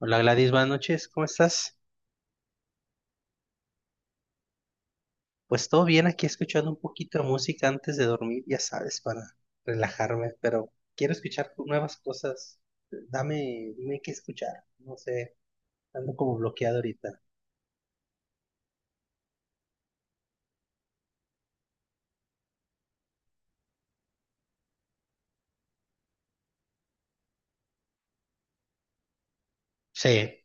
Hola Gladys, buenas noches, ¿cómo estás? Pues todo bien, aquí escuchando un poquito de música antes de dormir, ya sabes, para relajarme, pero quiero escuchar nuevas cosas. Dame, dime qué escuchar, no sé, ando como bloqueado ahorita. Sí.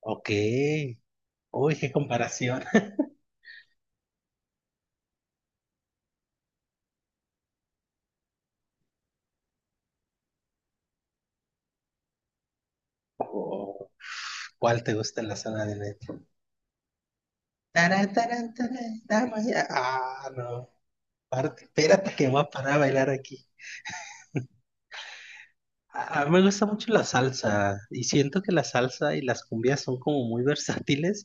Ok. Uy, qué comparación. Oh, ¿cuál te gusta en la zona de metro? Tarán, tarán, tarán, dama ya. Ah, no. Espérate que voy a parar a bailar aquí. A mí me gusta mucho la salsa y siento que la salsa y las cumbias son como muy versátiles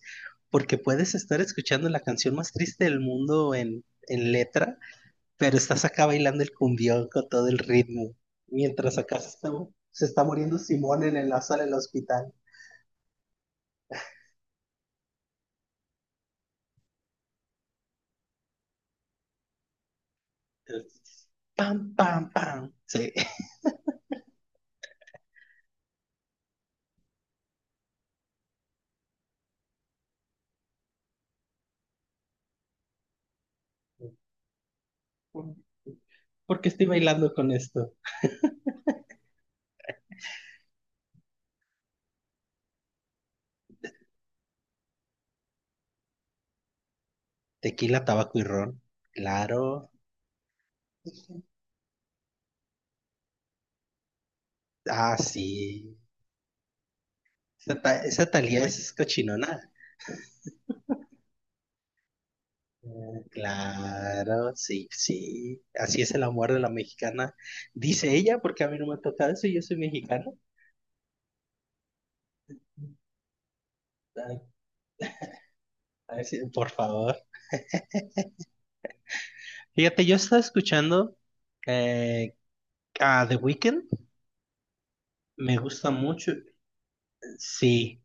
porque puedes estar escuchando la canción más triste del mundo en letra, pero estás acá bailando el cumbión con todo el ritmo, mientras se está muriendo Simón en el sala del hospital. Entonces, pam, pam, pam. Sí. ¿Por ¿Por qué estoy bailando con esto? Tequila, tabaco y ron. Claro. Ah, sí. Esa Thalía es cochinona. Mm, claro, sí, sí. Así es el amor de la mexicana. Dice ella, porque a mí no me ha tocado eso, yo soy mexicano. Ay, a ver si- por favor. Fíjate, yo estaba escuchando eh, a The Weeknd. Me gusta mucho. Sí,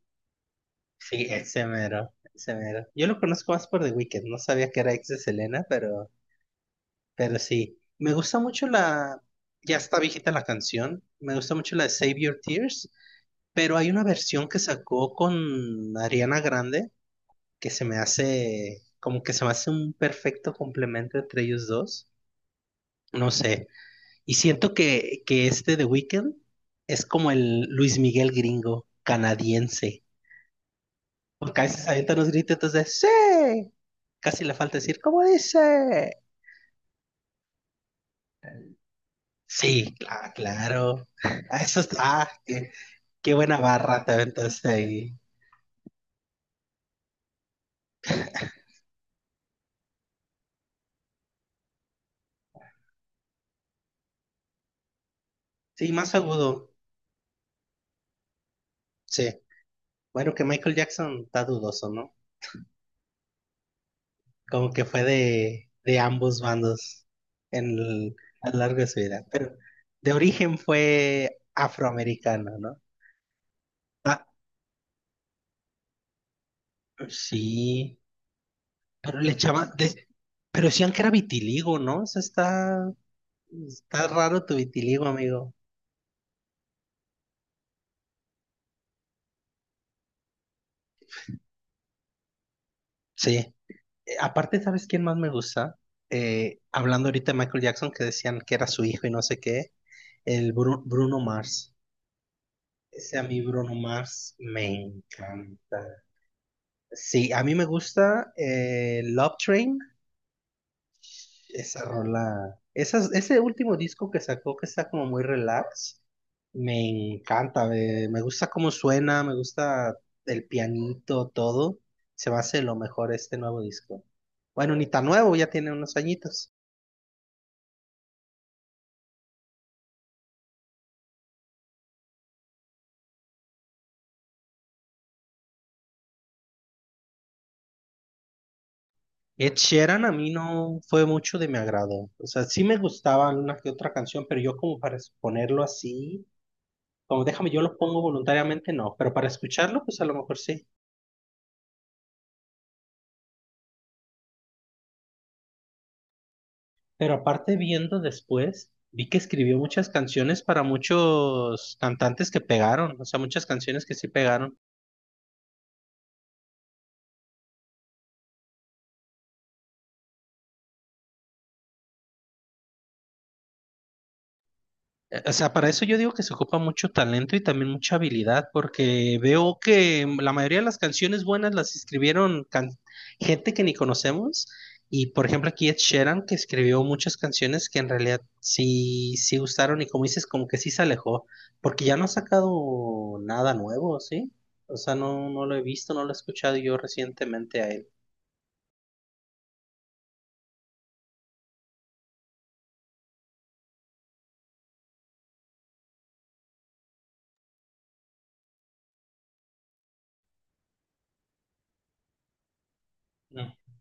sí, ese mero, ese mero. Yo lo conozco más por The Weeknd. No sabía que era ex de Selena, pero sí. Me gusta mucho la... Ya está viejita la canción. Me gusta mucho la de Save Your Tears. Pero hay una versión que sacó con Ariana Grande que se me hace un perfecto complemento entre ellos dos. No sé. Y siento que este The Weeknd es como el Luis Miguel gringo canadiense. Porque a veces avientan unos gritos de ¡sí! Casi le falta decir ¿cómo dice? Sí, claro. Ah, eso está. ah, qué, qué buena barra te aventaste ahí. Sí, más agudo. Sí. Bueno, que Michael Jackson está dudoso, ¿no? Como que fue de ambos bandos en el- a lo largo de su vida. Pero de origen fue afroamericano, ¿no? Ah, sí, pero pero decían que era vitiligo, ¿no? O sea, está raro tu vitiligo, amigo. Sí. Aparte, ¿sabes quién más me gusta? Hablando ahorita de Michael Jackson, que decían que era su hijo y no sé qué, el Bruno Mars. Ese a mí Bruno Mars me encanta. Sí, a mí me gusta Love Train, esa rola, esas, ese último disco que sacó que está como muy relax, me encanta, me gusta cómo suena, me gusta el pianito, todo, se me hace lo mejor este nuevo disco. Bueno, ni tan nuevo, ya tiene unos añitos. Ed Sheeran a mí no fue mucho de mi agrado, o sea, sí me gustaba una que otra canción, pero yo como para ponerlo así, como déjame, yo lo pongo voluntariamente, no, pero para escucharlo, pues a lo mejor sí. Pero aparte viendo después, vi que escribió muchas canciones para muchos cantantes que pegaron, o sea, muchas canciones que sí pegaron. O sea, para eso yo digo que se ocupa mucho talento y también mucha habilidad, porque veo que la mayoría de las canciones buenas las escribieron gente que ni conocemos. Y por ejemplo, aquí Ed Sheeran, que escribió muchas canciones que en realidad sí gustaron y como dices, como que sí se alejó, porque ya no ha sacado nada nuevo, ¿sí? O sea, no lo he visto, no lo he escuchado yo recientemente a él. Mm.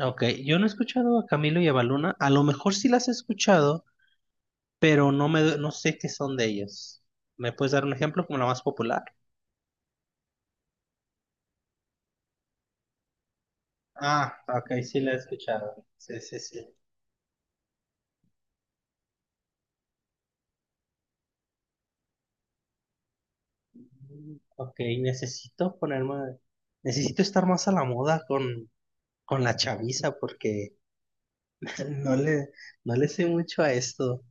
Ok, yo no he escuchado a Camilo y a Baluna, a lo mejor sí las he escuchado pero no sé qué son de ellos. ¿Me puedes dar un ejemplo como la más popular? Ah, ok, sí la he escuchado. Sí, sí, sí. Mm, ok, necesito estar más a la moda con la chaviza porque no le, no le sé mucho a esto.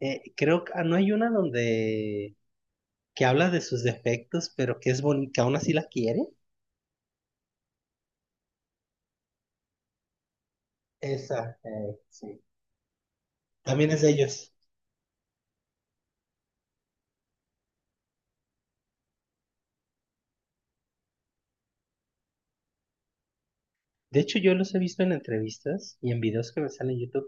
Creo que no hay una donde que habla de sus defectos, pero que es bonita, aún así la quiere. Esa, sí. También es de ellos. De hecho, yo los he visto en entrevistas y en videos que me salen en YouTube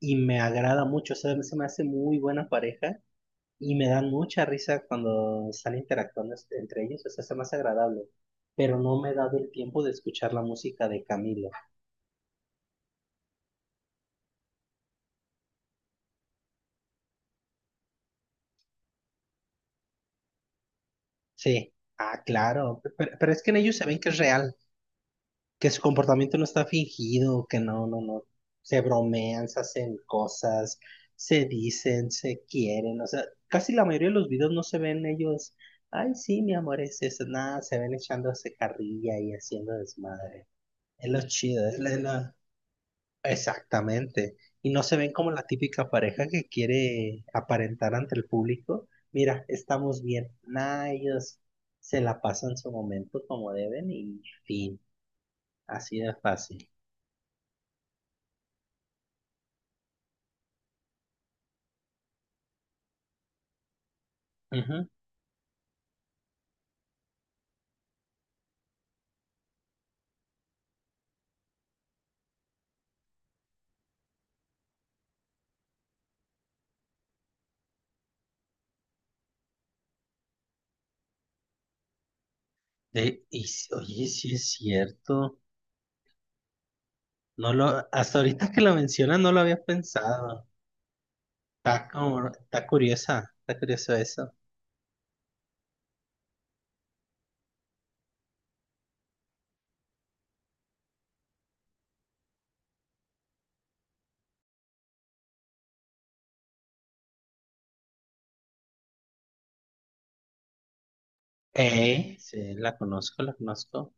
y me agrada mucho, o sea, se me hace muy buena pareja y me dan mucha risa cuando están interactuando entre ellos, o sea, se me hace agradable, pero no me he dado el tiempo de escuchar la música de Camilo. Sí, ah, claro, pero es que en ellos se ven que es real, que su comportamiento no está fingido, que no, no, no, se bromean, se hacen cosas, se dicen, se quieren, o sea, casi la mayoría de los videos no se ven ellos, ay, sí, mi amor, es eso, nada, se ven echándose carrilla y haciendo desmadre. Es lo chido, Exactamente. Y no se ven como la típica pareja que quiere aparentar ante el público. Mira, estamos bien. Nah, ellos se la pasan su momento como deben y fin. Así de fácil. Ujú. De, y, si- Oye, sí es cierto. No lo, Hasta ahorita que lo mencionas no lo había pensado. Está curiosa, está curioso eso. Sí, la conozco, la conozco.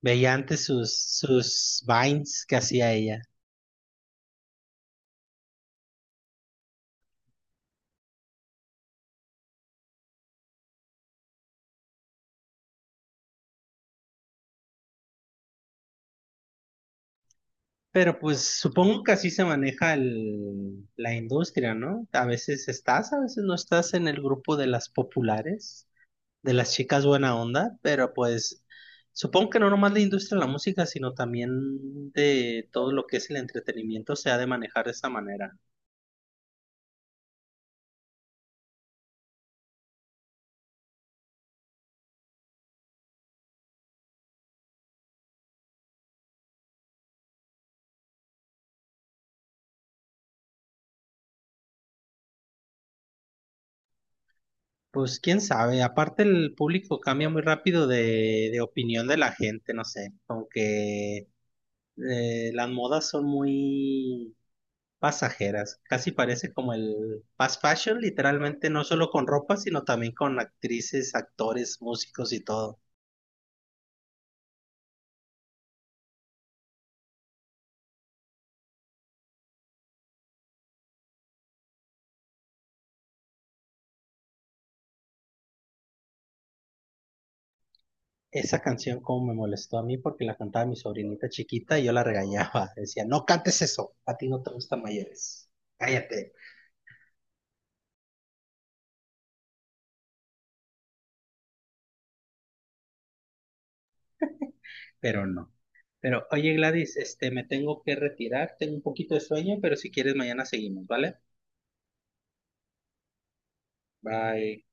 Veía antes sus vines que hacía ella. Pero pues supongo que así se maneja la industria, ¿no? A veces estás, a veces no estás en el grupo de las populares, de las chicas buena onda, pero pues supongo que no nomás la industria de la música, sino también de todo lo que es el entretenimiento se ha de manejar de esa manera. Pues quién sabe, aparte el público cambia muy rápido de opinión de la gente, no sé, aunque las modas son muy pasajeras, casi parece como el fast fashion, literalmente no solo con ropa, sino también con actrices, actores, músicos y todo. Esa canción como me molestó a mí porque la cantaba mi sobrinita chiquita y yo la regañaba. Decía, no cantes eso, a ti no te gustan mayores. Cállate, pero no. Pero oye Gladys, este, me tengo que retirar, tengo un poquito de sueño, pero si quieres mañana seguimos, ¿vale? Bye.